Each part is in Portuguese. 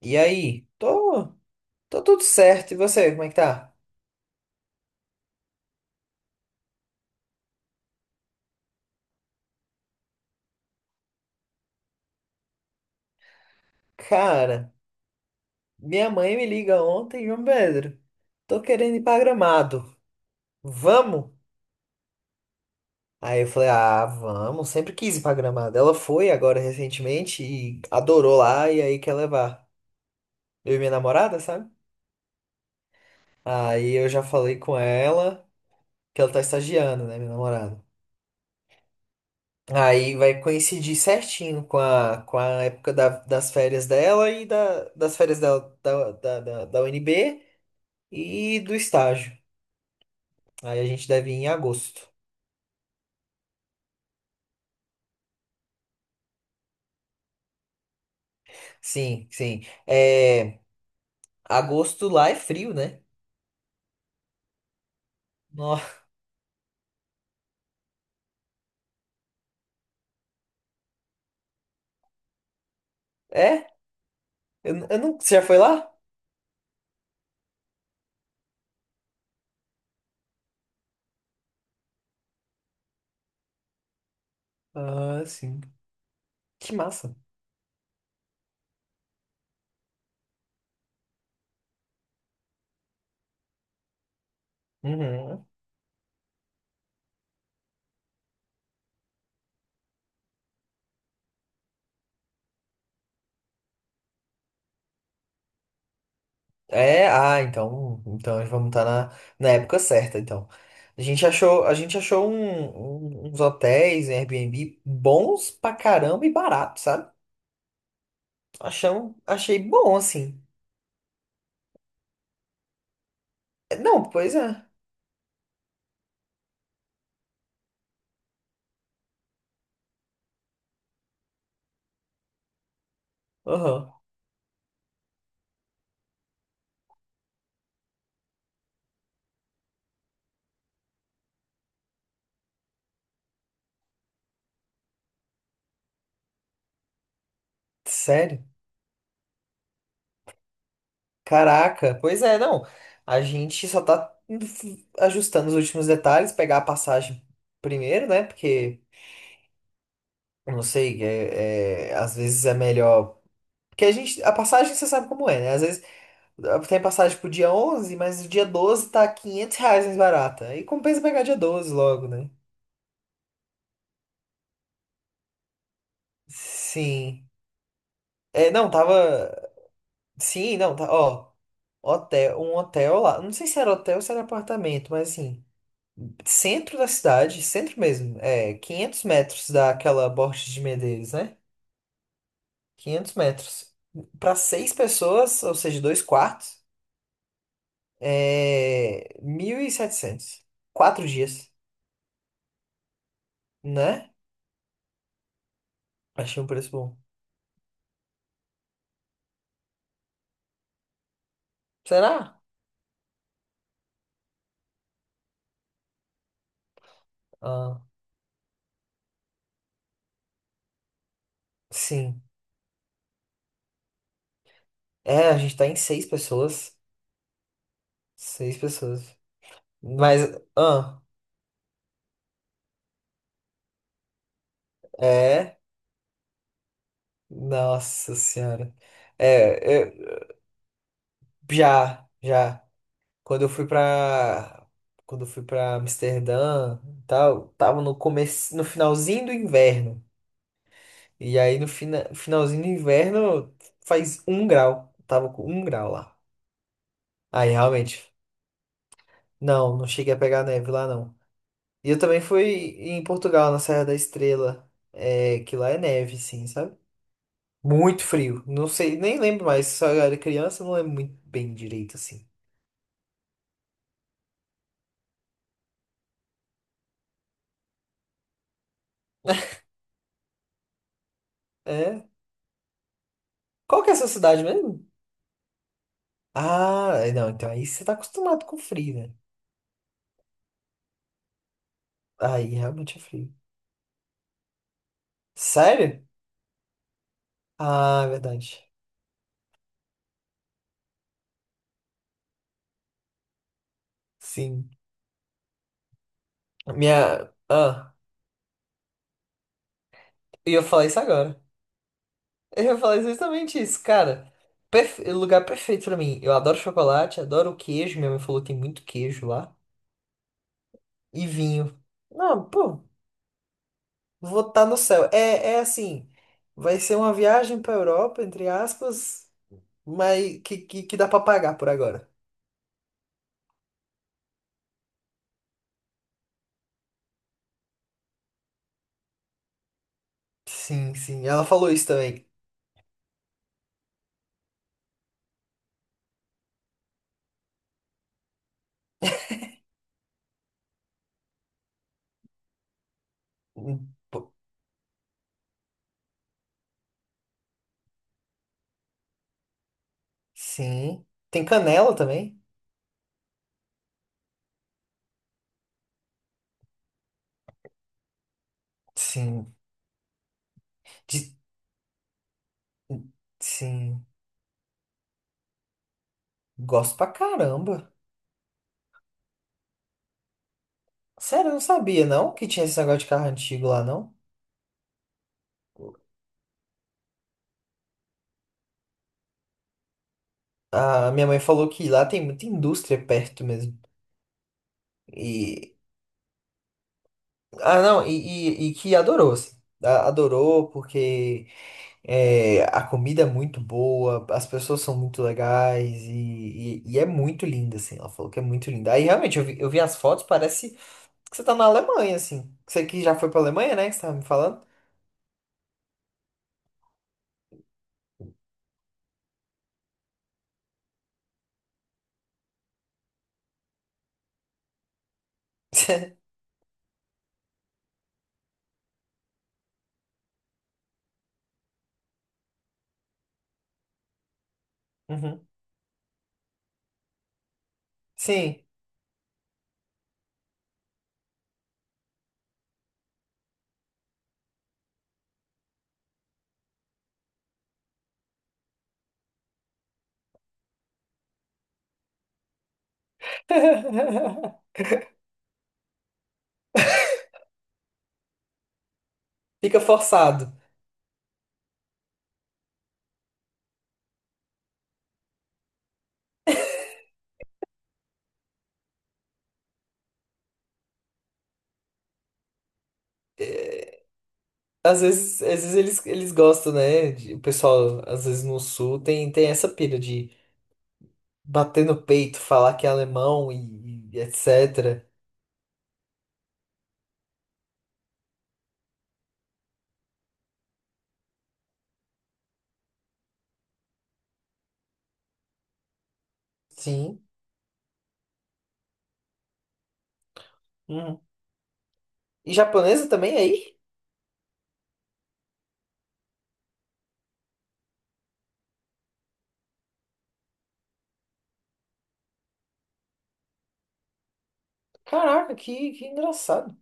E aí? Tô tudo certo. E você, como é que tá? Cara, minha mãe me liga ontem, João Pedro. Tô querendo ir pra Gramado. Vamos? Aí eu falei, ah, vamos. Sempre quis ir pra Gramado. Ela foi agora recentemente e adorou lá e aí quer levar. Eu e minha namorada, sabe? Aí eu já falei com ela que ela tá estagiando, né, minha namorada. Aí vai coincidir certinho com a época das férias dela e das férias dela, da UNB. E do estágio. Aí a gente deve ir em agosto. Sim, sim. É, agosto lá é frio, né? Nó- É? Eu não, você já foi lá? Ah, sim. Que massa. Uhum. É, ah, então, então vamos estar na época certa, então. A gente achou uns hotéis em Airbnb bons pra caramba e baratos, sabe? Achamos, achei bom, assim. É, não, pois é. Aham. Sério? Caraca, pois é, não. A gente só tá ajustando os últimos detalhes, pegar a passagem primeiro, né? Porque, eu não sei, às vezes é melhor. Porque a gente, a passagem você sabe como é, né? Às vezes ah, tem passagem pro dia 11, mas o dia 12 tá R$ 500 mais barata. Aí compensa pegar dia 12 logo, né? Sim. É, não, tava. Sim, não, tá. Ó, um hotel lá. Não sei se era hotel ou se era apartamento, mas assim. Centro da cidade, centro mesmo, é 500 metros daquela Borges de Medeiros, né? 500 metros. Para 6 pessoas, ou seja, 2 quartos, é 1.700. 4 dias, né? Achei um preço bom. Será? Ah, sim. É, a gente tá em 6 pessoas. 6 pessoas. Mas, ah, é. Nossa Senhora. É, eu, já, já. Quando eu fui pra. Quando eu fui pra Amsterdã e tal, tava no começo, no finalzinho do inverno. E aí no finalzinho do inverno faz 1 grau. Tava com 1 grau lá. Aí realmente. Não, não cheguei a pegar neve lá não. E eu também fui em Portugal, na Serra da Estrela. É, que lá é neve, sim, sabe? Muito frio. Não sei, nem lembro mais. Só eu era criança, não lembro muito bem direito assim. É. Qual que é essa cidade mesmo? Ah, é, não, então aí você tá acostumado com frio, né? Aí realmente é frio. Sério? Ah, é verdade. Sim. Minha. Ah, eu ia falar isso agora. Eu ia falar exatamente isso, cara. Perfe... Lugar perfeito pra mim. Eu adoro chocolate, adoro o queijo. Minha mãe falou que tem muito queijo lá. E vinho. Não, pô, vou estar no céu. É, é assim, vai ser uma viagem pra Europa, entre aspas, mas que dá pra pagar por agora. Sim, sim. Ela falou isso também. Sim. Tem canela também? Sim. De- Sim. Gosto pra caramba. Sério, eu não sabia não que tinha esse negócio de carro antigo lá, não. A minha mãe falou que lá tem muita indústria perto mesmo. E. Ah, não, e, e que adorou, assim. A- Adorou porque é, a comida é muito boa, as pessoas são muito legais e, e é muito linda, assim. Ela falou que é muito linda. Aí realmente eu vi as fotos, parece que você tá na Alemanha, assim. Você que já foi pra Alemanha, né? Que você tava me falando. Uhum. Sim. Fica forçado. É, às vezes eles gostam, né? De- O pessoal, às vezes no sul, tem essa pira de bater no peito, falar que é alemão e etc. Sim. Uhum. E japonesa também aí? Caraca, que engraçado.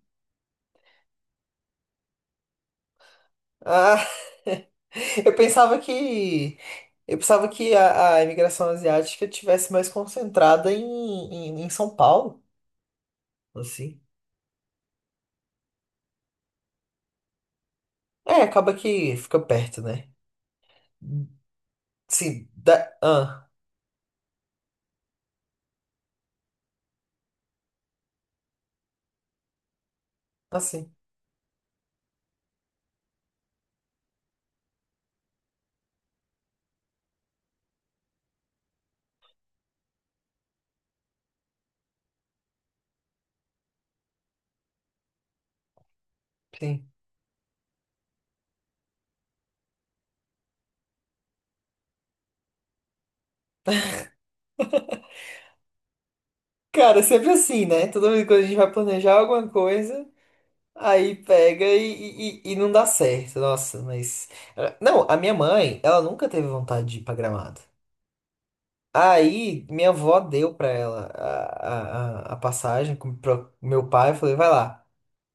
Ah, eu pensava que. Eu pensava que a imigração asiática tivesse mais concentrada em São Paulo, assim. É, acaba que fica perto, né? Sim, da... Ah, assim, sim. Cara, é sempre assim, né? Toda vez que a gente vai planejar alguma coisa, aí pega e não dá certo. Nossa, mas. Não, a minha mãe, ela nunca teve vontade de ir pra Gramado. Aí, minha avó deu pra ela a passagem com pro meu pai. Eu falei, vai lá,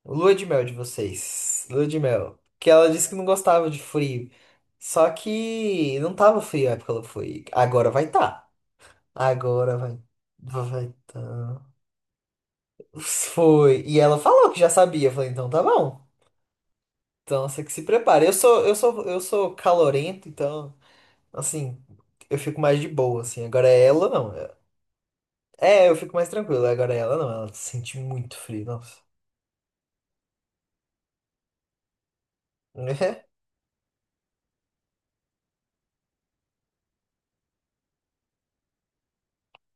lua de mel de vocês, lua de mel. Que ela disse que não gostava de frio. Só que não tava frio na época que ela foi. Agora vai estar. Agora vai. Vai tá. Foi. E ela falou que já sabia. Eu falei, então tá bom. Então você que se prepara. Eu sou calorento, então, assim, eu fico mais de boa, assim. Agora é ela não. É, eu fico mais tranquilo. Agora é ela não. Ela sente muito frio, nossa.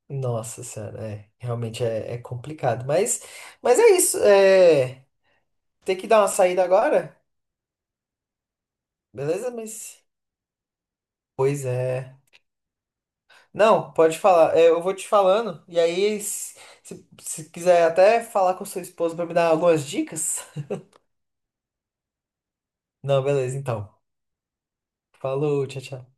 Nossa senhora, é. Realmente é, é complicado. Mas é isso. É, tem que dar uma saída agora, beleza? Mas. Pois é. Não, pode falar. É, eu vou te falando, e aí, se, se quiser até falar com sua esposa pra me dar algumas dicas. Não, beleza, então. Falou, tchau, tchau.